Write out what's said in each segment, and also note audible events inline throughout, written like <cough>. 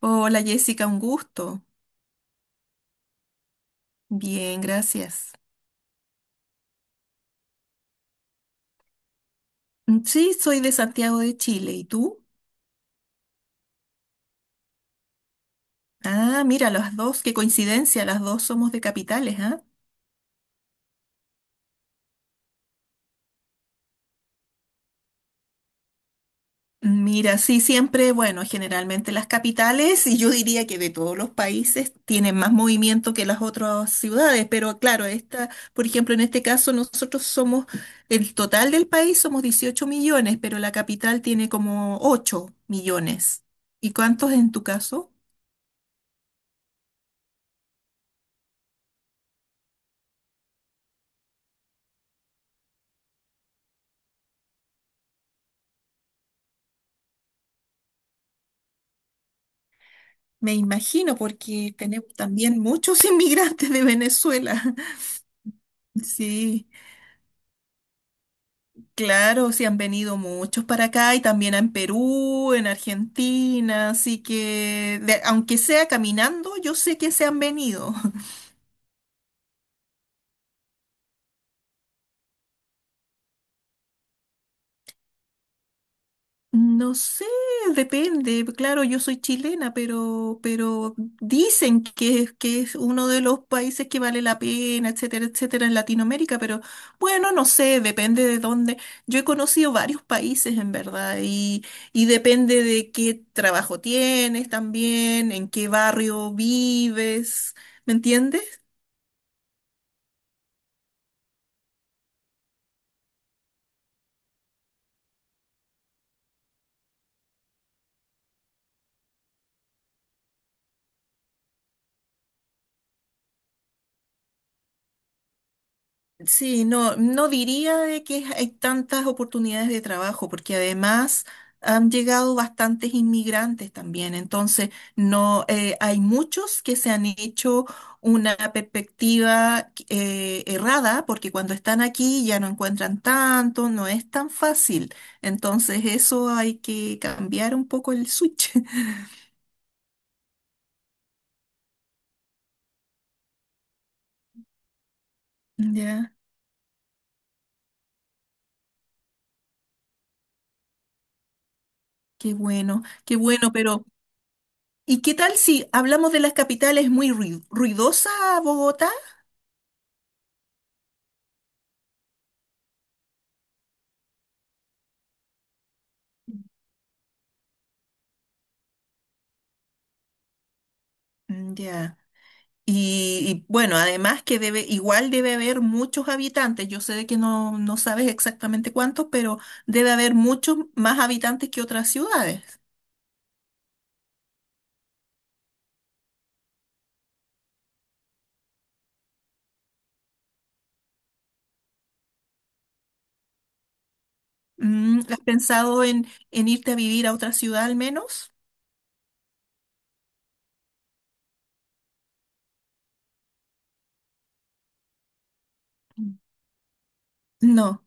Hola Jessica, un gusto. Bien, gracias. Sí, soy de Santiago de Chile. ¿Y tú? Ah, mira, las dos, qué coincidencia, las dos somos de capitales, ¿ah? Mira, sí, siempre, bueno, generalmente las capitales, y yo diría que de todos los países, tienen más movimiento que las otras ciudades, pero claro, esta, por ejemplo, en este caso nosotros somos, el total del país somos 18 millones, pero la capital tiene como 8 millones. ¿Y cuántos en tu caso? Me imagino, porque tenemos también muchos <laughs> inmigrantes de Venezuela. <laughs> Sí, claro, sí han venido muchos para acá y también en Perú, en Argentina, así que aunque sea caminando, yo sé que se han venido. No sé, depende. Claro, yo soy chilena, pero dicen que, que es uno de los países que vale la pena, etcétera, etcétera, en Latinoamérica, pero bueno, no sé, depende de dónde. Yo he conocido varios países en verdad y depende de qué trabajo tienes también, en qué barrio vives, ¿me entiendes? Sí, no, no diría de que hay tantas oportunidades de trabajo, porque además han llegado bastantes inmigrantes también. Entonces, no, hay muchos que se han hecho una perspectiva errada, porque cuando están aquí ya no encuentran tanto, no es tan fácil. Entonces, eso hay que cambiar un poco el switch. <laughs> Ya, qué bueno, pero ¿y qué tal si hablamos de las capitales muy ruidosa Bogotá? Ya. Bueno, además que debe, igual debe haber muchos habitantes. Yo sé de que no, no sabes exactamente cuántos, pero debe haber muchos más habitantes que otras ciudades. Mm, ¿has pensado en irte a vivir a otra ciudad al menos? Mm. No.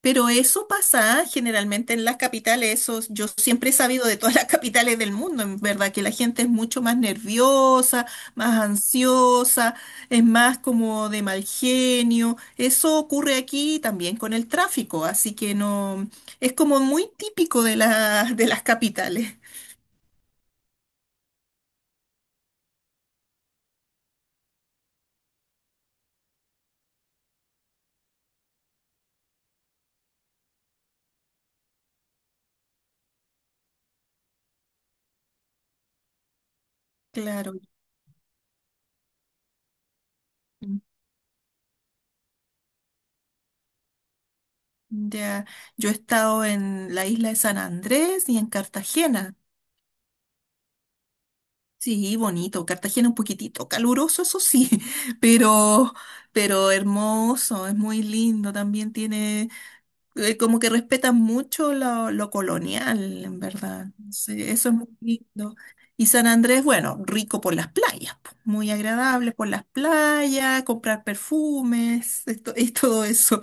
Pero eso pasa generalmente en las capitales, eso yo siempre he sabido de todas las <laughs> capitales del mundo, en verdad, que la gente es mucho más nerviosa, más ansiosa, es más como de mal genio. Eso ocurre aquí también con el tráfico, así que no, es como muy típico de las capitales. Claro. Ya, yo he estado en la isla de San Andrés y en Cartagena. Sí, bonito. Cartagena un poquitito caluroso, eso sí, <laughs> pero, pero hermoso, es muy lindo. También tiene, como que respetan mucho lo colonial, en verdad. Sí, eso es muy lindo. Y San Andrés, bueno, rico por las playas, po, muy agradable por las playas, comprar perfumes, esto, <laughs> y todo eso.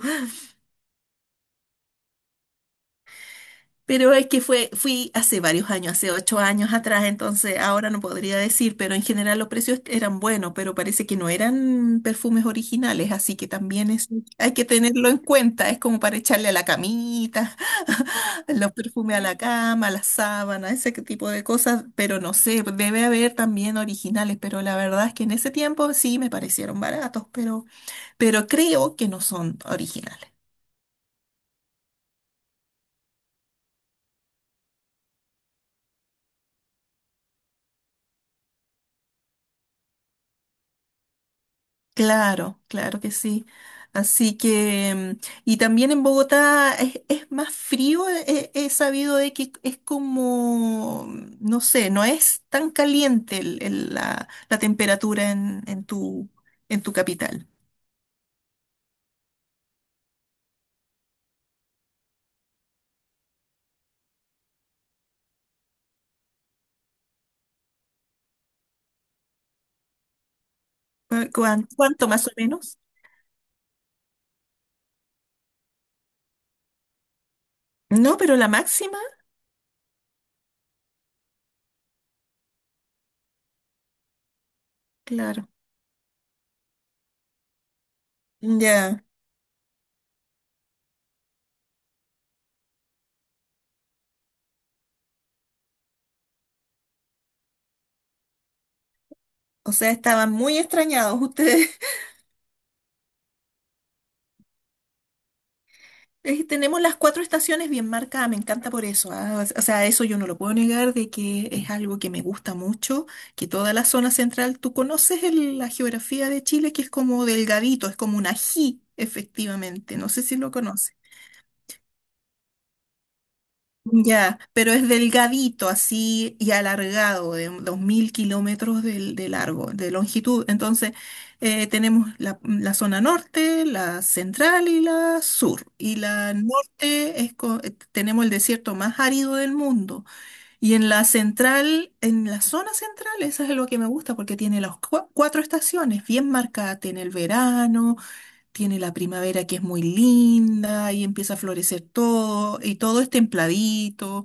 Pero es que fui hace varios años, hace 8 años atrás, entonces ahora no podría decir, pero en general los precios eran buenos, pero parece que no eran perfumes originales, así que también es hay que tenerlo en cuenta, es como para echarle a la camita, <laughs> los perfumes a la cama, a la sábana, ese que tipo de cosas, pero no sé, debe haber también originales, pero la verdad es que en ese tiempo sí me parecieron baratos, pero creo que no son originales. Claro, claro que sí. Así que, mm, y también en Bogotá es más frío, he, he sabido de que es como, mm, no sé, no es tan caliente la temperatura en tu capital. ¿Cuánto más o menos? No, pero la máxima, claro. Ya, o sea, estaban muy extrañados <laughs> ustedes. Tenemos las cuatro estaciones bien marcadas, me encanta por eso. O sea, eso yo no lo puedo negar de que es algo que me gusta mucho, que toda la zona central, tú conoces la geografía de Chile, que es como delgadito, es como un ají, efectivamente. No sé si lo conoces. Ya, pero es delgadito así y alargado, de 2000 kilómetros de largo, de longitud. Entonces, tenemos la zona norte, la central y la sur. Y la norte es tenemos el desierto más árido del mundo. Y en la central, en la zona central, eso es lo que me gusta porque tiene las cuatro estaciones bien marcadas. Tiene el verano, tiene la primavera que es muy linda y empieza a florecer todo y todo es templadito.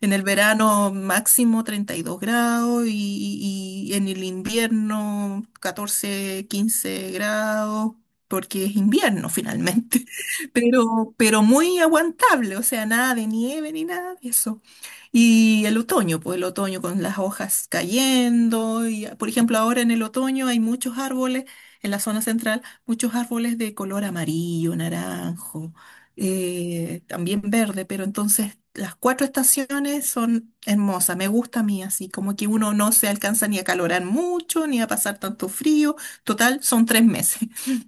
En el verano máximo 32 grados y en el invierno 14 15 grados, porque es invierno finalmente, <laughs> pero muy aguantable, o sea, nada de nieve ni nada de eso. Y el otoño, pues el otoño con las hojas cayendo, y por ejemplo ahora en el otoño hay muchos árboles, en la zona central, muchos árboles de color amarillo, naranjo también verde, pero entonces las cuatro estaciones son hermosas, me gusta a mí así, como que uno no se alcanza ni a calorar mucho, ni a pasar tanto frío, total, son tres meses. <laughs>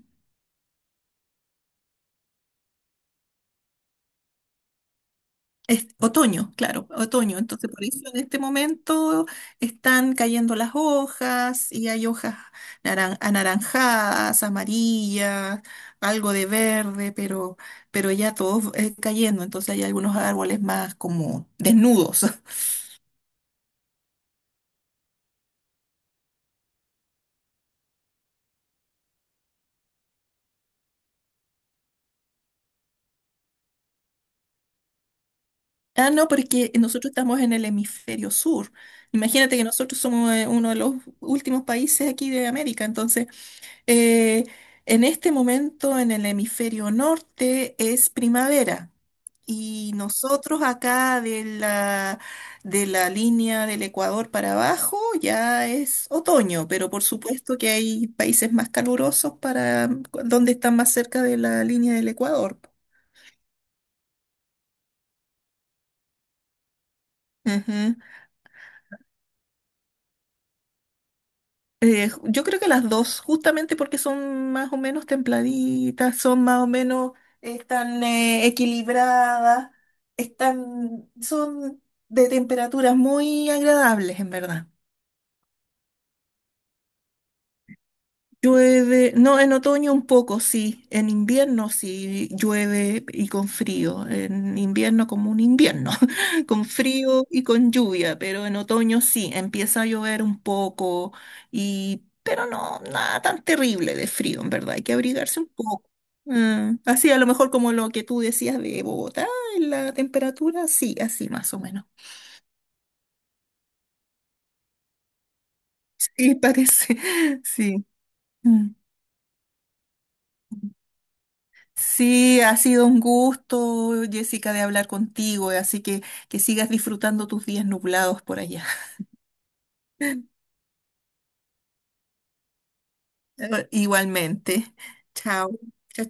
Es otoño, claro, otoño, entonces por eso en este momento están cayendo las hojas y hay hojas anaranjadas, amarillas, algo de verde, pero ya todos cayendo, entonces hay algunos árboles más como desnudos. <laughs> Ah, no, porque nosotros estamos en el hemisferio sur. Imagínate que nosotros somos uno de los últimos países aquí de América. Entonces, eh, en este momento en el hemisferio norte es primavera. Y nosotros acá de de la línea del Ecuador para abajo ya es otoño, pero por supuesto que hay países más calurosos para donde están más cerca de la línea del Ecuador. Yo creo que las dos, justamente porque son más o menos templaditas, son más o menos, están equilibradas, están, son de temperaturas muy agradables, en verdad. Llueve, no, en otoño un poco, sí, en invierno sí llueve y con frío, en invierno como un invierno, <laughs> con frío y con lluvia, pero en otoño sí, empieza a llover un poco y, pero no, nada tan terrible de frío, en verdad, hay que abrigarse un poco. Mm, así a lo mejor como lo que tú decías de Bogotá, en la temperatura, sí, así más o menos. Sí, parece, <laughs> sí. Mm. Sí, ha sido un gusto, Jessica, de hablar contigo, así que sigas disfrutando tus días nublados por allá. <laughs> Igualmente. Chao. Chao.